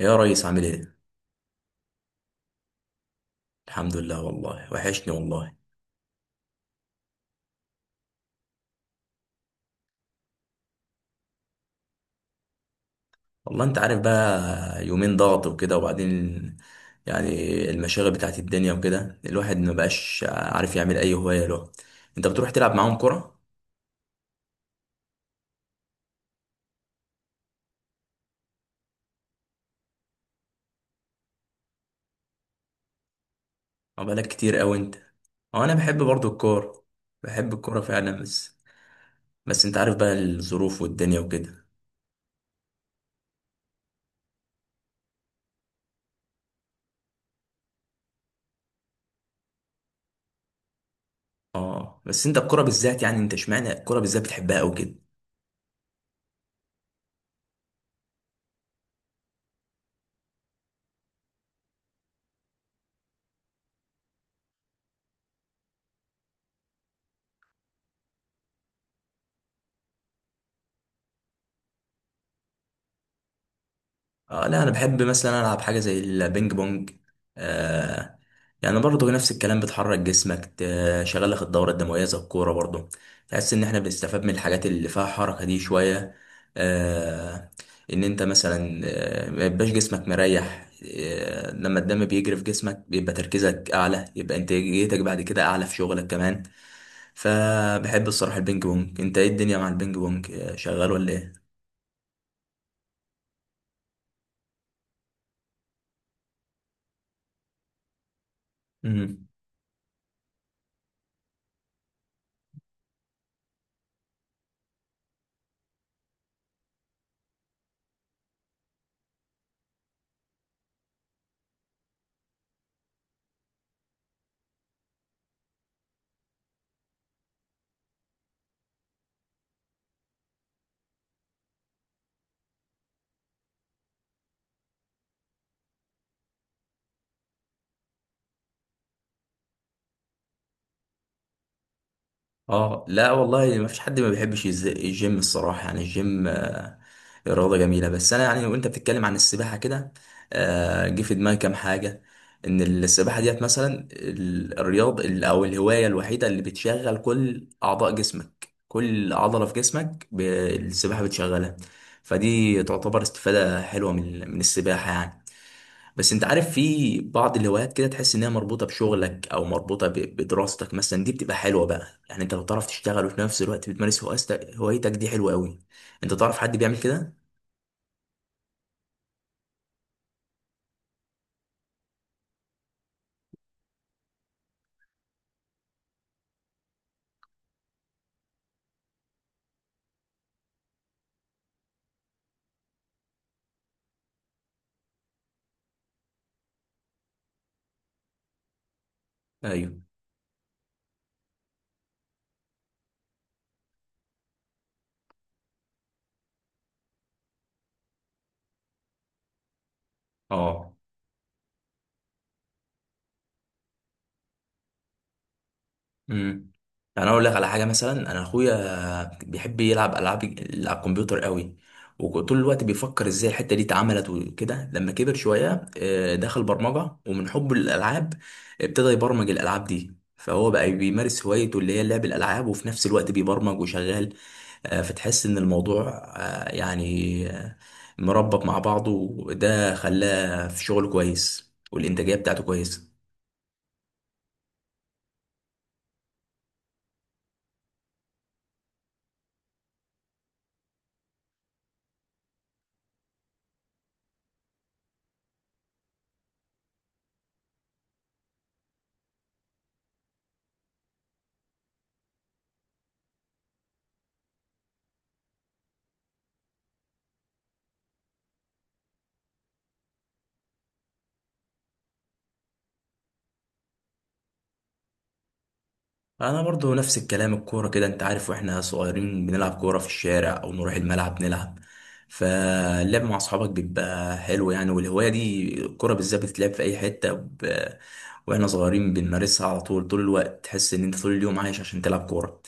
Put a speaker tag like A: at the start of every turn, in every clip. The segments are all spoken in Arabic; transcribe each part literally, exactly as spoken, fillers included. A: يا ريس عامل ايه؟ الحمد لله والله وحشني والله. والله انت عارف بقى يومين ضغط وكده، وبعدين يعني المشاغل بتاعت الدنيا وكده، الواحد ما بقاش عارف يعمل اي هواية له. انت بتروح تلعب معاهم كرة؟ اه، بقالك كتير قوي انت. اه، انا بحب برضو الكورة، بحب الكورة فعلا، بس بس انت عارف بقى الظروف والدنيا وكده. اه، بس انت الكورة بالذات، يعني انت اشمعنى الكورة بالذات بتحبها قوي كده؟ اه لا، انا بحب مثلا العب حاجه زي البينج بونج. آه. يعني برضه نفس الكلام، بتحرك جسمك، تشغل لك الدوره الدمويه زي الكوره برضه، تحس ان احنا بنستفاد من الحاجات اللي فيها حركه دي شويه. آه. ان انت مثلا آه، ما يبقاش جسمك مريح. آه لما الدم بيجري في جسمك بيبقى تركيزك اعلى، يبقى انتاجيتك بعد كده اعلى في شغلك كمان. فبحب الصراحه البينج بونج. انت ايه الدنيا مع البينج بونج، آه، شغال ولا ايه؟ اه لا والله، ما فيش حد ما بيحبش الز- الجيم الصراحه، يعني الجيم آه، رياضه جميله. بس انا يعني وانت بتتكلم عن السباحه كده آه، جه في دماغي كام حاجه. ان السباحه ديت مثلا ال- الرياض ال- او الهوايه الوحيده اللي بتشغل كل اعضاء جسمك، كل عضله في جسمك ب- السباحه بتشغلها. فدي تعتبر استفاده حلوه من من السباحه يعني. بس انت عارف في بعض الهوايات كده تحس انها مربوطه بشغلك او مربوطه ب- بدراستك مثلا، دي بتبقى حلوه بقى. يعني انت لو تعرف تشتغل وفي نفس الوقت بتمارس هواستك- هوايتك دي حلوه قوي. انت تعرف حد بيعمل كده؟ ايوه، اه. امم. يعني انا اقول لك على حاجه، مثلا انا اخويا بيحب يلعب العاب ال- على الكمبيوتر قوي، وطول الوقت بيفكر ازاي الحته دي اتعملت وكده. لما كبر شويه آه، دخل برمجه، ومن حبه للالعاب ابتدى يبرمج الالعاب دي، فهو بقى بيمارس هوايته اللي هي لعب الالعاب وفي نفس الوقت بيبرمج وشغال. آه، فتحس ان الموضوع آه، يعني آه، مربط مع بعضه، وده خلاه في شغل كويس والانتاجيه بتاعته كويسه. انا برضو نفس الكلام، الكوره كده انت عارف، واحنا صغيرين بنلعب كوره في الشارع او نروح الملعب نلعب، فاللعب مع اصحابك بيبقى حلو يعني. والهوايه دي الكوره بالذات بتتلعب في اي حته ب... واحنا صغيرين بنمارسها على طول، طول الوقت تحس ان انت طول اليوم عايش عشان تلعب كوره.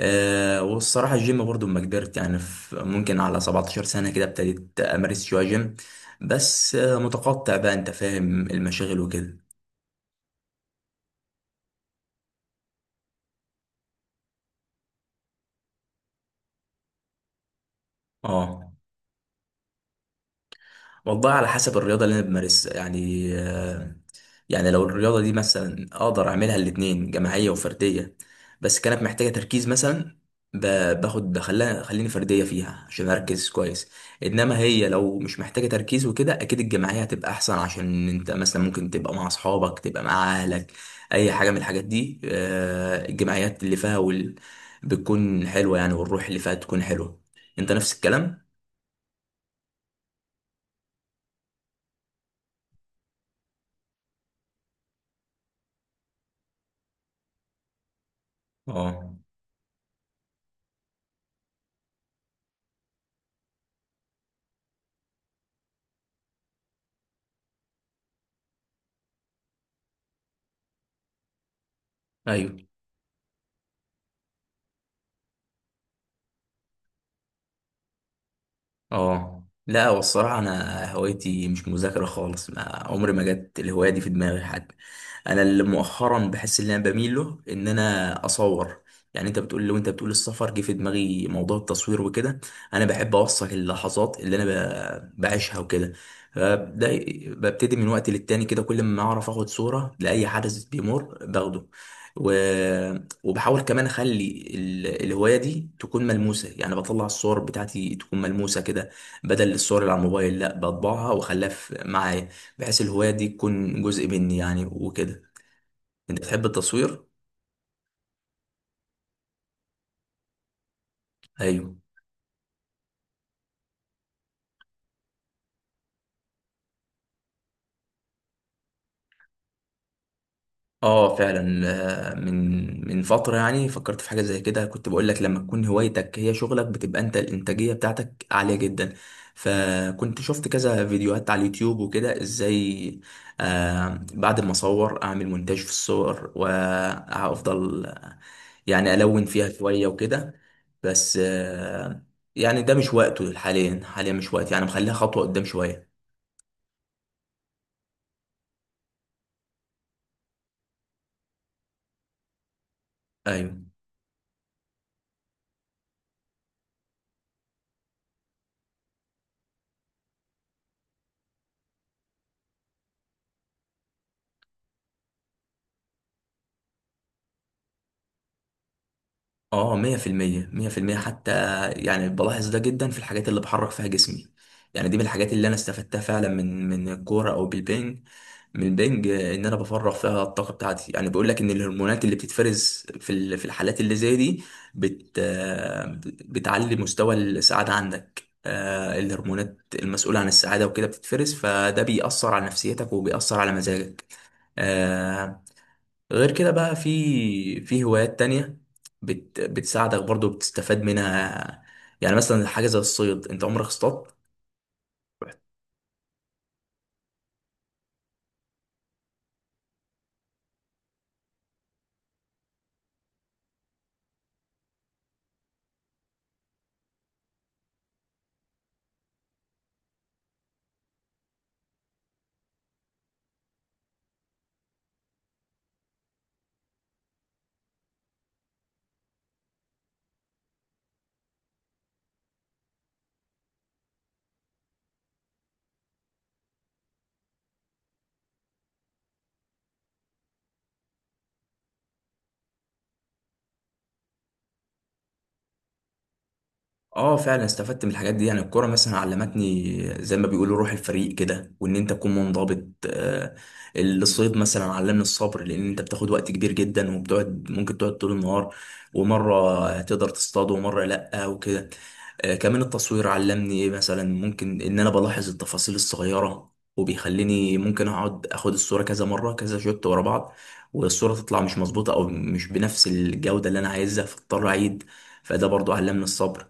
A: أه، والصراحه الجيم برضو لما كبرت، يعني في ممكن على سبعتاشر سنه كده، ابتديت امارس شويه جيم، بس آه، متقطع بقى، انت فاهم المشاغل وكده. اه، والله على حسب الرياضة اللي أنا بمارسها يعني آه، يعني لو الرياضة دي مثلا أقدر أعملها الاتنين، جماعية وفردية، بس كانت محتاجة تركيز مثلا، ب- باخد بخليها خليني فردية فيها عشان أركز كويس. إنما هي لو مش محتاجة تركيز وكده، أكيد الجماعية هتبقى أحسن، عشان أنت مثلا ممكن تبقى مع أصحابك، تبقى مع أهلك، أي حاجة من الحاجات دي. آه، الجماعيات اللي فيها وال... بتكون حلوة يعني، والروح اللي فيها تكون حلوة. أنت نفس الكلام؟ اه، ايوه. اه لا، والصراحة أنا هوايتي مش مذاكرة خالص، ما عمري ما جت الهواية دي في دماغي حتى. انا اللي مؤخرا بحس ان انا بميل له ان انا اصور. يعني انت بتقول وانت بتقول السفر، جه في دماغي موضوع التصوير وكده. انا بحب اوثق اللحظات اللي انا ب- بعيشها وكده. ده ببتدي من وقت للتاني كده، كل ما اعرف اخد صورة لاي حدث بيمر باخده. و... وبحاول كمان اخلي ال- الهواية دي تكون ملموسة، يعني بطلع الصور بتاعتي تكون ملموسة كده، بدل الصور اللي على الموبايل، لا، بطبعها واخليها في- معايا، بحيث الهواية دي تكون جزء مني يعني وكده. انت بتحب التصوير؟ ايوه، اه فعلا. آه، من من فتره يعني فكرت في حاجه زي كده. كنت بقول لك، لما تكون هوايتك هي شغلك، بتبقى انت الانتاجيه بتاعتك عاليه جدا. فكنت شفت كذا فيديوهات على اليوتيوب وكده ازاي آه بعد ما اصور اعمل مونتاج في الصور، وافضل يعني الون فيها شويه وكده. بس آه يعني ده مش وقته حاليا، حاليا مش وقت يعني، مخليها خطوه قدام شويه. ايوه، اه. مية في المية، مية في المية حتى. يعني بلاحظ ده جدا في الحاجات اللي بحرك فيها جسمي. يعني دي من الحاجات اللي انا استفدتها فعلا من من الكورة او بالبنج، من البنج، آه، ان انا بفرغ فيها الطاقة بتاعتي. يعني بيقول لك ان الهرمونات اللي بتتفرز في ال- في الحالات اللي زي دي، بت آه، بتعلي مستوى السعادة عندك. آه، الهرمونات المسؤولة عن السعادة وكده بتتفرز، فده بيأثر على نفسيتك وبيأثر على مزاجك. آه، غير كده بقى في في هوايات تانية بت بتساعدك برضو، بتستفاد منها. يعني مثلا حاجة زي الصيد، انت عمرك اصطاد؟ اه فعلا، استفدت من الحاجات دي. يعني الكرة مثلا علمتني، زي ما بيقولوا، روح الفريق كده، وان انت تكون منضبط. آه، الصيد مثلا علمني الصبر، لان انت بتاخد وقت كبير جدا وبتقعد، ممكن تقعد طول النهار ومرة تقدر تصطاد ومرة لأ وكده. آه، كمان التصوير علمني ايه مثلا، ممكن ان انا بلاحظ التفاصيل الصغيرة، وبيخليني ممكن اقعد اخد الصورة كذا مرة، كذا شوت ورا بعض، والصورة تطلع مش مظبوطة او مش بنفس الجودة اللي انا عايزها، فاضطر اعيد. فده برضو علمني الصبر.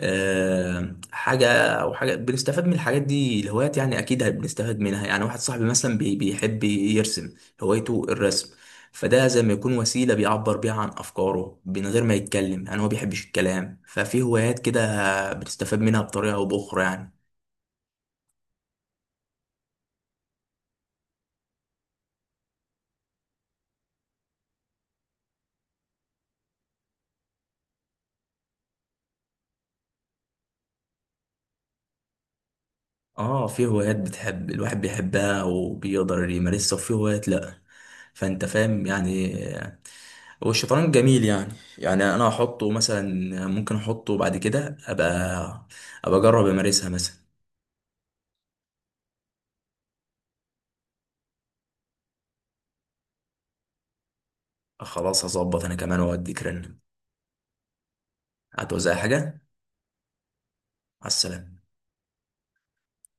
A: آه، حاجة أو حاجة بنستفاد من الحاجات دي الهوايات، يعني أكيد بنستفاد منها. يعني واحد صاحبي مثلا بي- بيحب يرسم، هوايته الرسم، فده زي ما يكون وسيلة بيعبر بيها عن أفكاره من غير ما يتكلم، يعني هو بيحبش الكلام. ففي هوايات كده بنستفاد منها بطريقة أو بأخرى يعني. اه، في هوايات بتحب، الواحد بيحبها وبيقدر يمارسها، وفي هوايات لأ، فأنت فاهم يعني. والشطرنج جميل يعني يعني انا احطه مثلا، ممكن احطه بعد كده، ابقى ابقى اجرب امارسها مثلا. خلاص، هظبط انا كمان واديك رن. هتوزع حاجه. على السلامه.